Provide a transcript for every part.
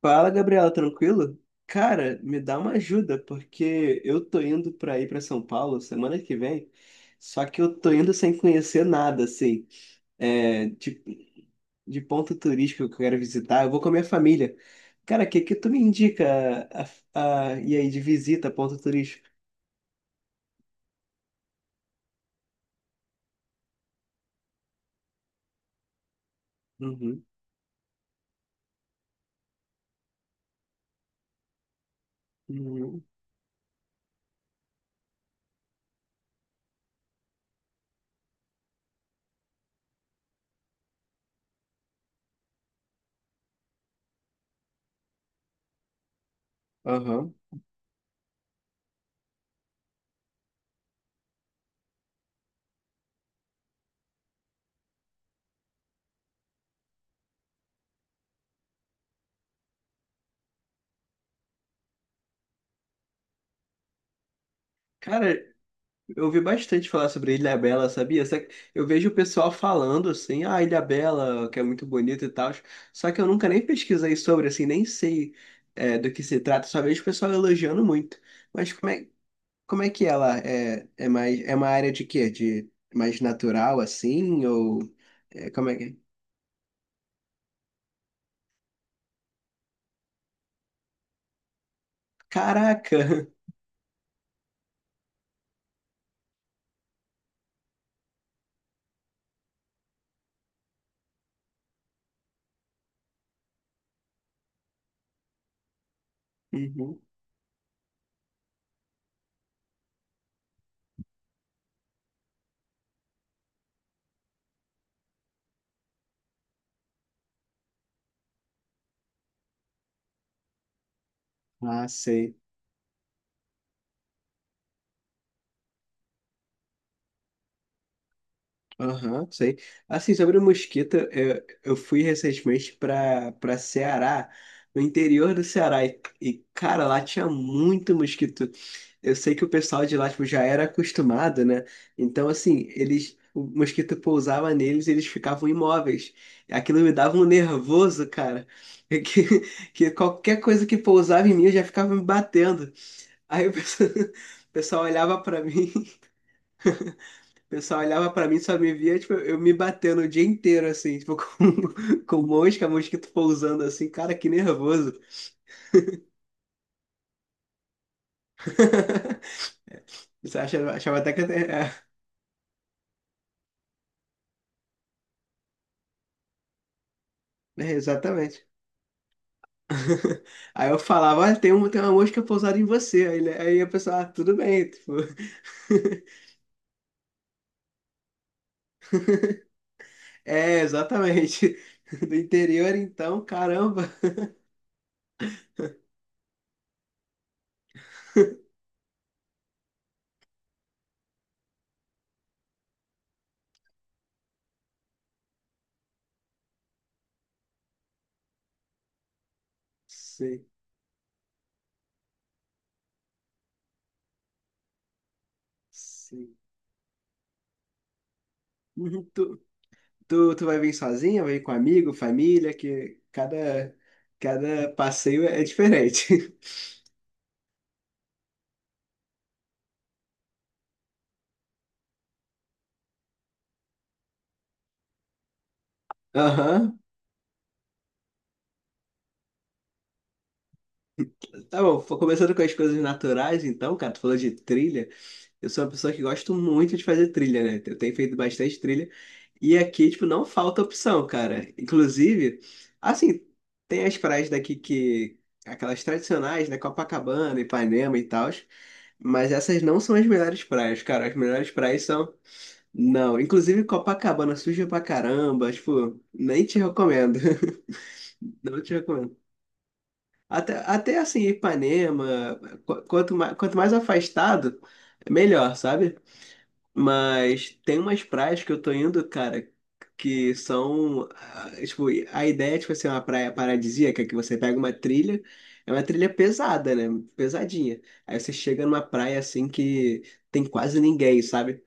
Fala, Gabriela, tranquilo? Cara, me dá uma ajuda, porque eu tô indo pra São Paulo semana que vem, só que eu tô indo sem conhecer nada, assim, tipo de ponto turístico que eu quero visitar. Eu vou com a minha família. Cara, o que que tu me indica, e aí, de visita, ponto turístico? Uhum, uhum, aham. Cara, eu ouvi bastante falar sobre Ilhabela, sabia? Só que eu vejo o pessoal falando assim, ah, Ilhabela, que é muito bonito e tal. Só que eu nunca nem pesquisei sobre, assim, nem sei do que se trata. Só vejo o pessoal elogiando muito. Mas como é que ela é, é mais, é uma área de quê? De mais natural, assim? Ou é, como é que é? Caraca! Uhum. Ah, sei. Aham, sei. Assim, sobre o mosquito, eu fui recentemente para Ceará, no interior do Ceará, cara, lá tinha muito mosquito. Eu sei que o pessoal de lá, tipo, já era acostumado, né? Então, assim, eles, o mosquito pousava neles e eles ficavam imóveis. Aquilo me dava um nervoso, cara, que, que qualquer coisa que pousava em mim, eu já ficava me batendo. Aí o pessoal, o pessoal olhava para mim. O pessoal olhava pra mim, só me via, tipo, eu me batendo o dia inteiro, assim, tipo, com mosca, mosquito pousando, assim, cara, que nervoso. Você achava até que... É, é, exatamente. Aí eu falava, olha, tem uma mosca pousada em você. Aí, aí a pessoa, ah, tudo bem, tipo... É, exatamente. Do interior, então, caramba. Sim, sim. Uhum, tu vai vir sozinha, vai vir com amigo, família, cada passeio é diferente. Aham. Tá bom, foi começando com as coisas naturais, então, cara, tu falou de trilha. Eu sou uma pessoa que gosto muito de fazer trilha, né? Eu tenho feito bastante trilha. E aqui, tipo, não falta opção, cara. Inclusive, assim, tem as praias daqui que... Aquelas tradicionais, né? Copacabana, Ipanema e tal. Mas essas não são as melhores praias, cara. As melhores praias são... Não, inclusive Copacabana suja pra caramba, tipo, nem te recomendo. Não te recomendo. Até assim, Ipanema, quanto mais afastado, é melhor, sabe? Mas tem umas praias que eu tô indo, cara, que são, ah, tipo, a ideia é, tipo assim, uma praia paradisíaca, que você pega uma trilha, é uma trilha pesada, né? Pesadinha. Aí você chega numa praia, assim, que tem quase ninguém, sabe?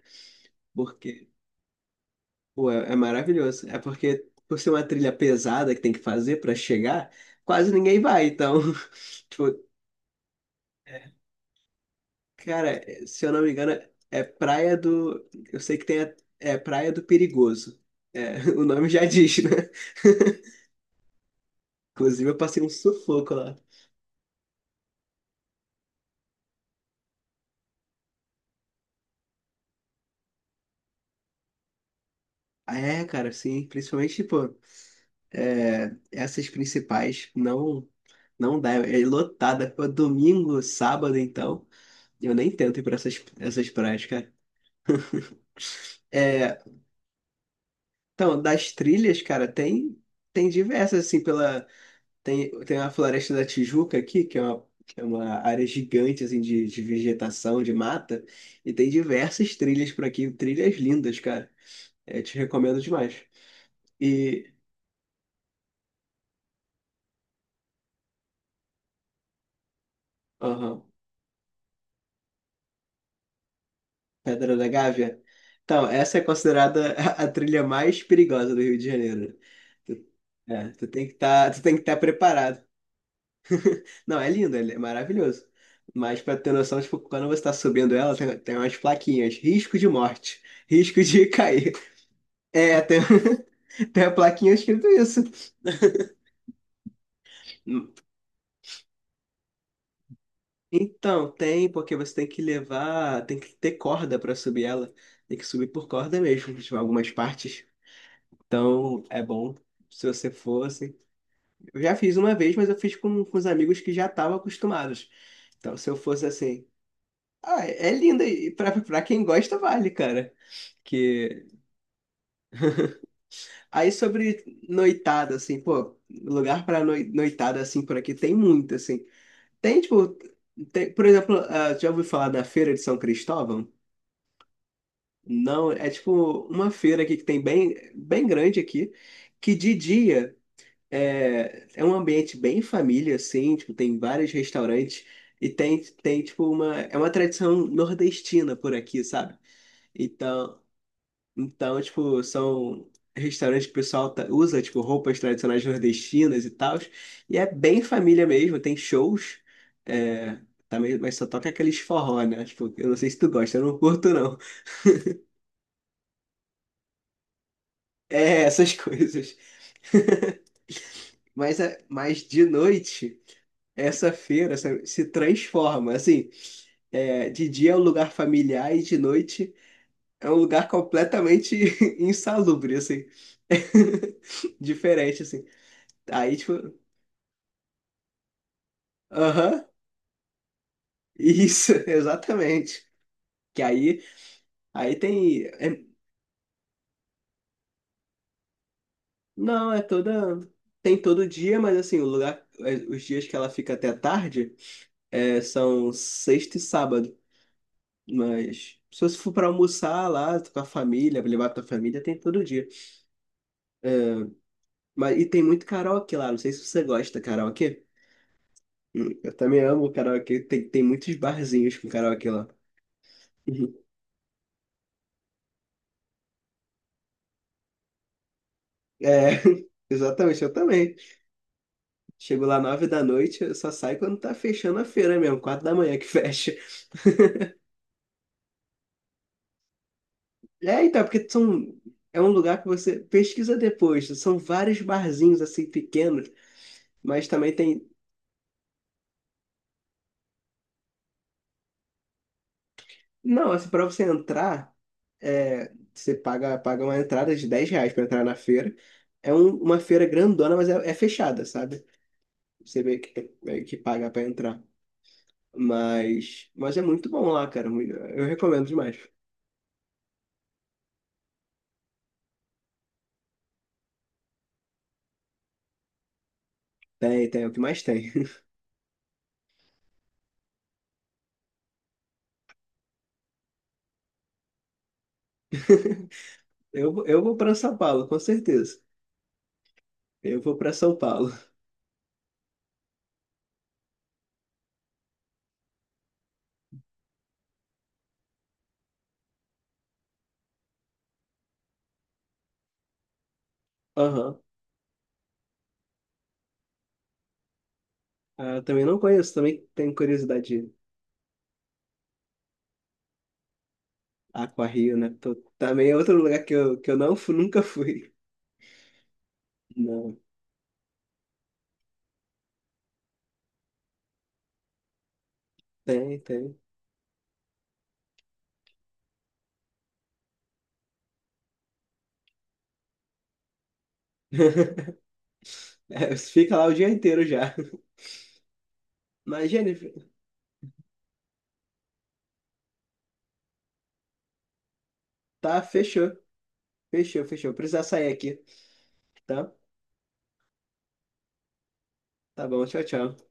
Porque pô, é, é maravilhoso. É porque, por ser uma trilha pesada que tem que fazer pra chegar, quase ninguém vai. Então, tipo, cara, se eu não me engano, é Praia do... Eu sei que tem a... é Praia do Perigoso. É, o nome já diz, né? Inclusive, eu passei um sufoco lá. Ah, é, cara, sim. Principalmente, tipo, essas principais não dá. É lotada. Pô, domingo, sábado, então. Eu nem tento ir pra essas praias, cara. É, então, das trilhas, cara, tem diversas assim pela... tem a Floresta da Tijuca aqui, que é uma área gigante assim de vegetação, de mata, e tem diversas trilhas por aqui, trilhas lindas, cara. Eu te recomendo demais. E aham, Pedra da Gávea. Então, essa é considerada a trilha mais perigosa do Rio de Janeiro. Tu- É, tu tem que estar preparado. Não, é lindo, é maravilhoso. Mas pra ter noção, tipo, quando você tá subindo ela, tem umas plaquinhas. Risco de morte. Risco de cair. É, tem, tem a plaquinha escrito isso. Então, tem, porque você tem que levar, tem que ter corda pra subir ela. Tem que subir por corda mesmo, tipo, algumas partes. Então, é bom se você fosse. Eu já fiz uma vez, mas eu fiz com os amigos que já estavam acostumados. Então, se eu fosse assim. Ah, é linda e pra quem gosta, vale, cara que... Aí sobre noitada, assim, pô, lugar pra noitada, assim, por aqui tem muito, assim. Tem, tipo, por exemplo, ah, já ouviu falar da Feira de São Cristóvão? Não, é tipo uma feira aqui que tem bem grande aqui, que de dia é um ambiente bem família, assim, tipo, tem vários restaurantes e tem tipo, é uma tradição nordestina por aqui, sabe? Então, então, tipo, são restaurantes que o pessoal usa, tipo, roupas tradicionais nordestinas e tal. E é bem família mesmo, tem shows. É, também, mas só toca aqueles forró, né? Tipo, eu não sei se tu gosta, eu não curto, não. É, essas coisas. Mas, mas de noite, essa feira sabe, se transforma. Assim, é, de dia é um lugar familiar e de noite é um lugar completamente insalubre, assim. Diferente, assim. Aí, tipo. Aham, isso, exatamente. Que aí, aí tem, não, é toda, tem todo dia, mas assim, o lugar, é, os dias que ela fica até tarde é, são sexta e sábado. Mas se você for para almoçar lá com a família, pra levar a tua família, tem todo dia. Mas e tem muito karaokê lá, não sei se você gosta de karaokê. Eu também amo karaokê, tem muitos barzinhos com karaokê lá. Uhum. É, exatamente, eu também. Chego lá 9 da noite, eu só saio quando tá fechando a feira mesmo, 4 da manhã que fecha. É, então, é um lugar que você pesquisa depois. São vários barzinhos assim pequenos, mas também tem. Não, assim, pra você entrar, é, você paga uma entrada de R$ 10 pra entrar na feira. É uma feira grandona, mas é, é fechada, sabe? Você meio que paga pra entrar. Mas é muito bom lá, cara. Eu recomendo demais. Tem, tem, é o que mais tem. Eu, eu vou para São Paulo, com certeza. Eu vou para São Paulo. Aham. Ah, também não conheço, também tenho curiosidade de ir. Aquário, né? Também é outro lugar que que eu nunca fui. Não, tem, tem. É, você fica lá o dia inteiro já. Mas, Jennifer, tá, fechou. Fechou, fechou. Precisa sair aqui, tá? Tá bom, tchau, tchau.